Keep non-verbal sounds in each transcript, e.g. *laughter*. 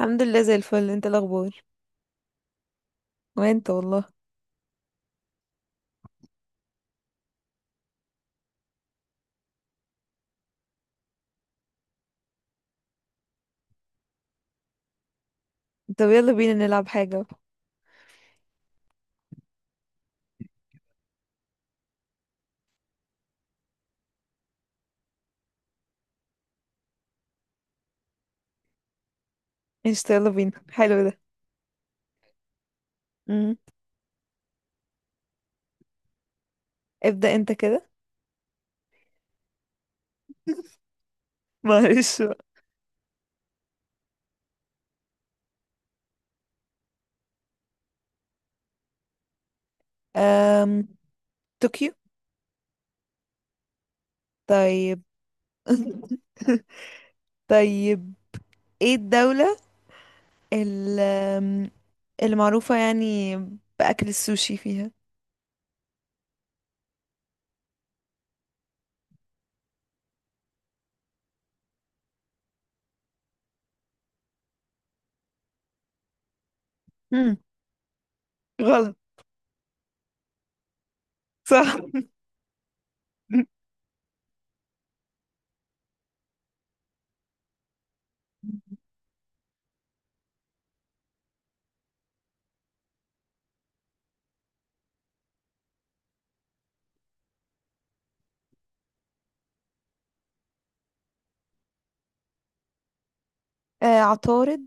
الحمد لله زي الفل، انت الاخبار؟ وانت والله. طب يلا بينا نلعب حاجة. قشطة يلا بينا، حلو ده. امم. ابدأ انت كده. *laughs* معلش بقى. أم... طوكيو. طيب. *laughs* طيب. ايه الدولة ال- أم، اللي معروفة يعني بأكل السوشي فيها؟ امم، غلط. صح. *laughs* آه، عطارد.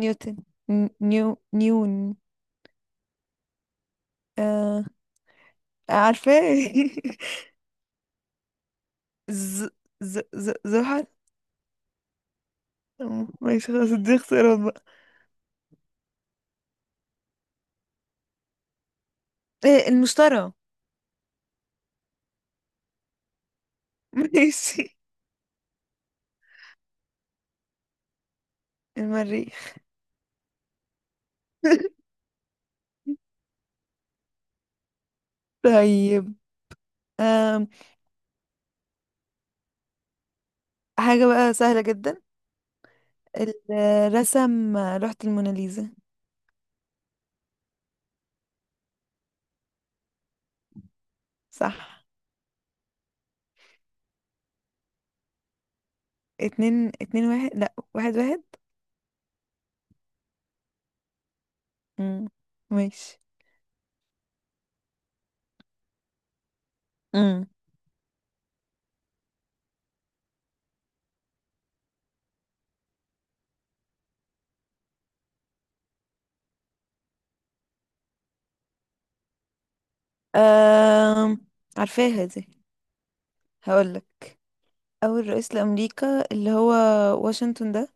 نيوتن. نيون. آه، عارفة. *laughs* ز ز ز زحل. اه ماشي، خلاص دي اختيارات بقى. إيه، المشتري؟ *laughs* ماشي. المريخ. *laughs* طيب. أم. حاجة بقى سهلة جدا، الرسم لوحة الموناليزا. صح. اتنين اتنين واحد، لا واحد واحد. مم. ماشي. امم. أم. عارفاها دي، هقولك. أول رئيس لأمريكا اللي هو واشنطن ده.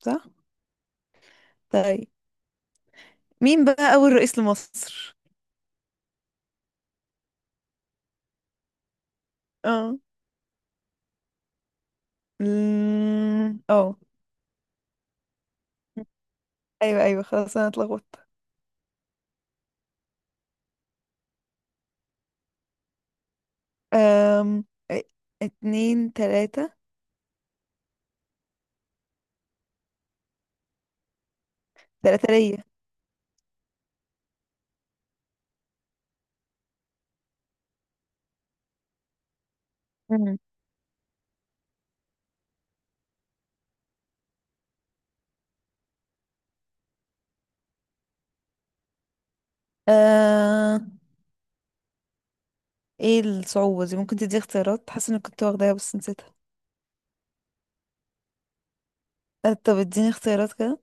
صح. طيب، مين بقى أول رئيس لمصر؟ اه. مم. اه. ايوه، ايوه، خلاص انا اتلخبطت. أم... إيه، 2-3. تلاتة ليا. مم. أه... ايه الصعوبة دي؟ ممكن تدي اختيارات، حاسة اني كنت واخداها بس نسيتها. أه طب اديني اختيارات كده.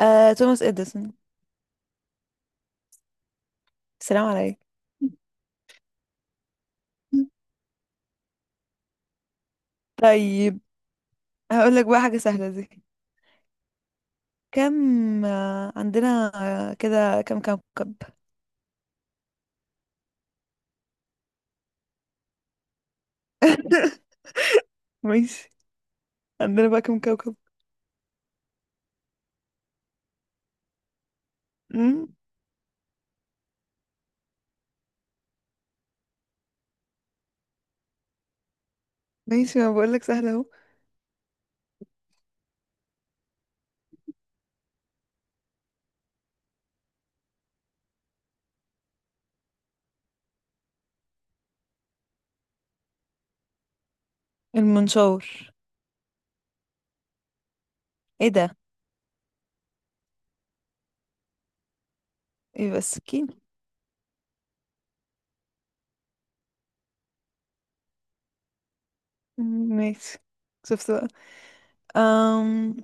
توماس اديسون. سلام عليك. *laughs* طيب. هقول لك بقى حاجة سهلة دي. كم عندنا، كده كم كوكب؟ *laughs* ماشي. عندنا بقى كم كوكب؟ مم. ماشي. ما بقول لك سهلة اهو. المنشور. ايه ده؟ ايه بس؟ ماشي. شفت بقى. أم...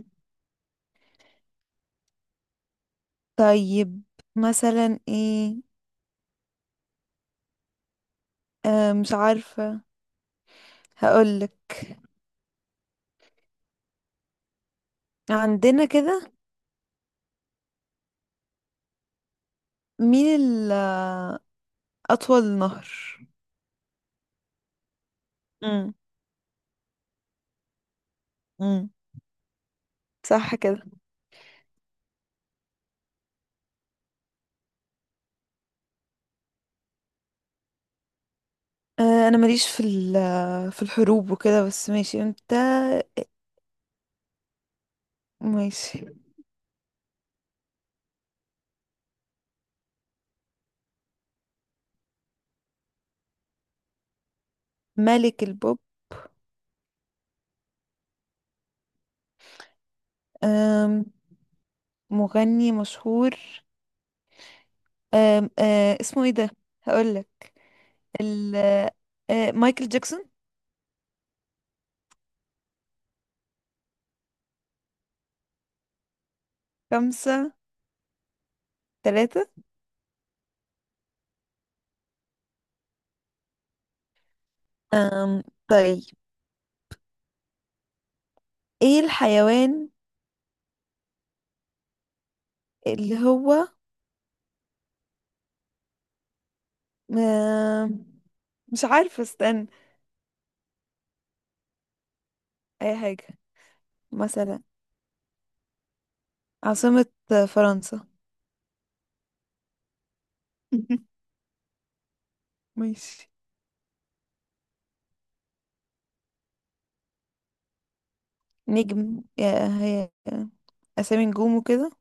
طيب، مثلا ايه؟ مش عارفة، هقولك. عندنا كده، مين أطول نهر؟ امم. امم. صح كده. أه أنا ماليش في في الحروب وكده، بس ماشي انت. ماشي. ملك البوب. أم... مغني مشهور. أم... أه اسمه ايه ده؟ هقولك ال مايكل جاكسون. 5-3. طيب. ايه الحيوان اللي هو أم، مش عارفة، استنى. اي حاجة. مثلا عاصمة فرنسا. *laughs* ماشي. نجم؟ يا هي، اسامي نجوم وكده.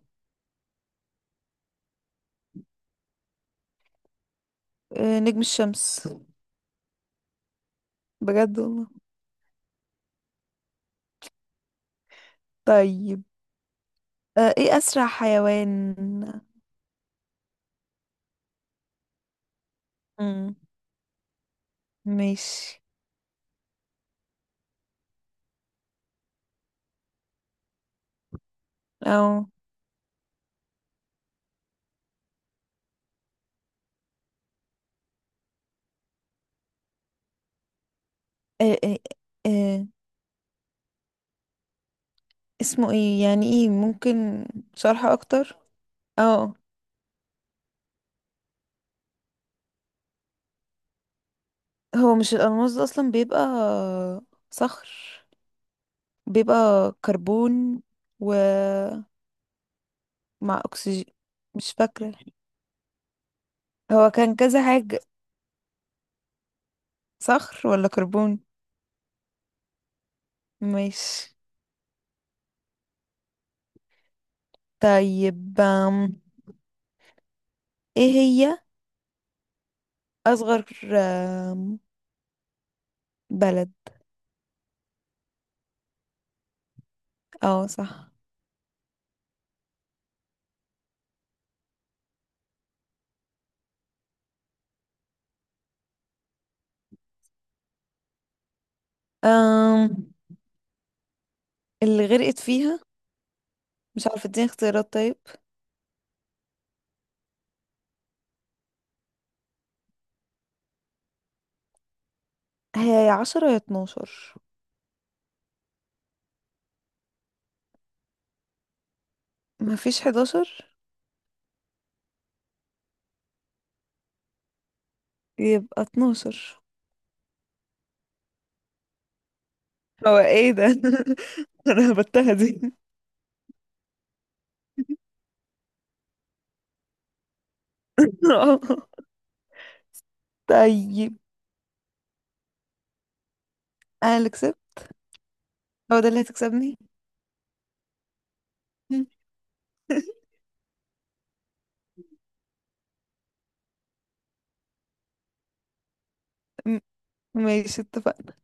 نجم الشمس. بجد والله. طيب. ايه اسرع حيوان؟ مم. ماشي. او. أه، أه، أه، اسمه ايه يعني؟ ايه؟ ممكن شرح اكتر. اه، هو مش الألماس ده أصلا بيبقى صخر، بيبقى كربون، ومع أكسجين. مش فاكرة، هو كان كذا حاجة، صخر ولا كربون. مش طيب، ايه هي أصغر أم، بلد؟ اه صح. أم اللي غرقت فيها، مش عارفة اديني اختيارات طيب. هي يا 10 يا 12. مفيش 11. يبقى 12. هو ايه ده؟ *laughs* انا هبتها دي. *laughs* طيب. انا اللي كسبت، هو ده اللي هتكسبني؟ *laughs* م- ماشي، اتفقنا.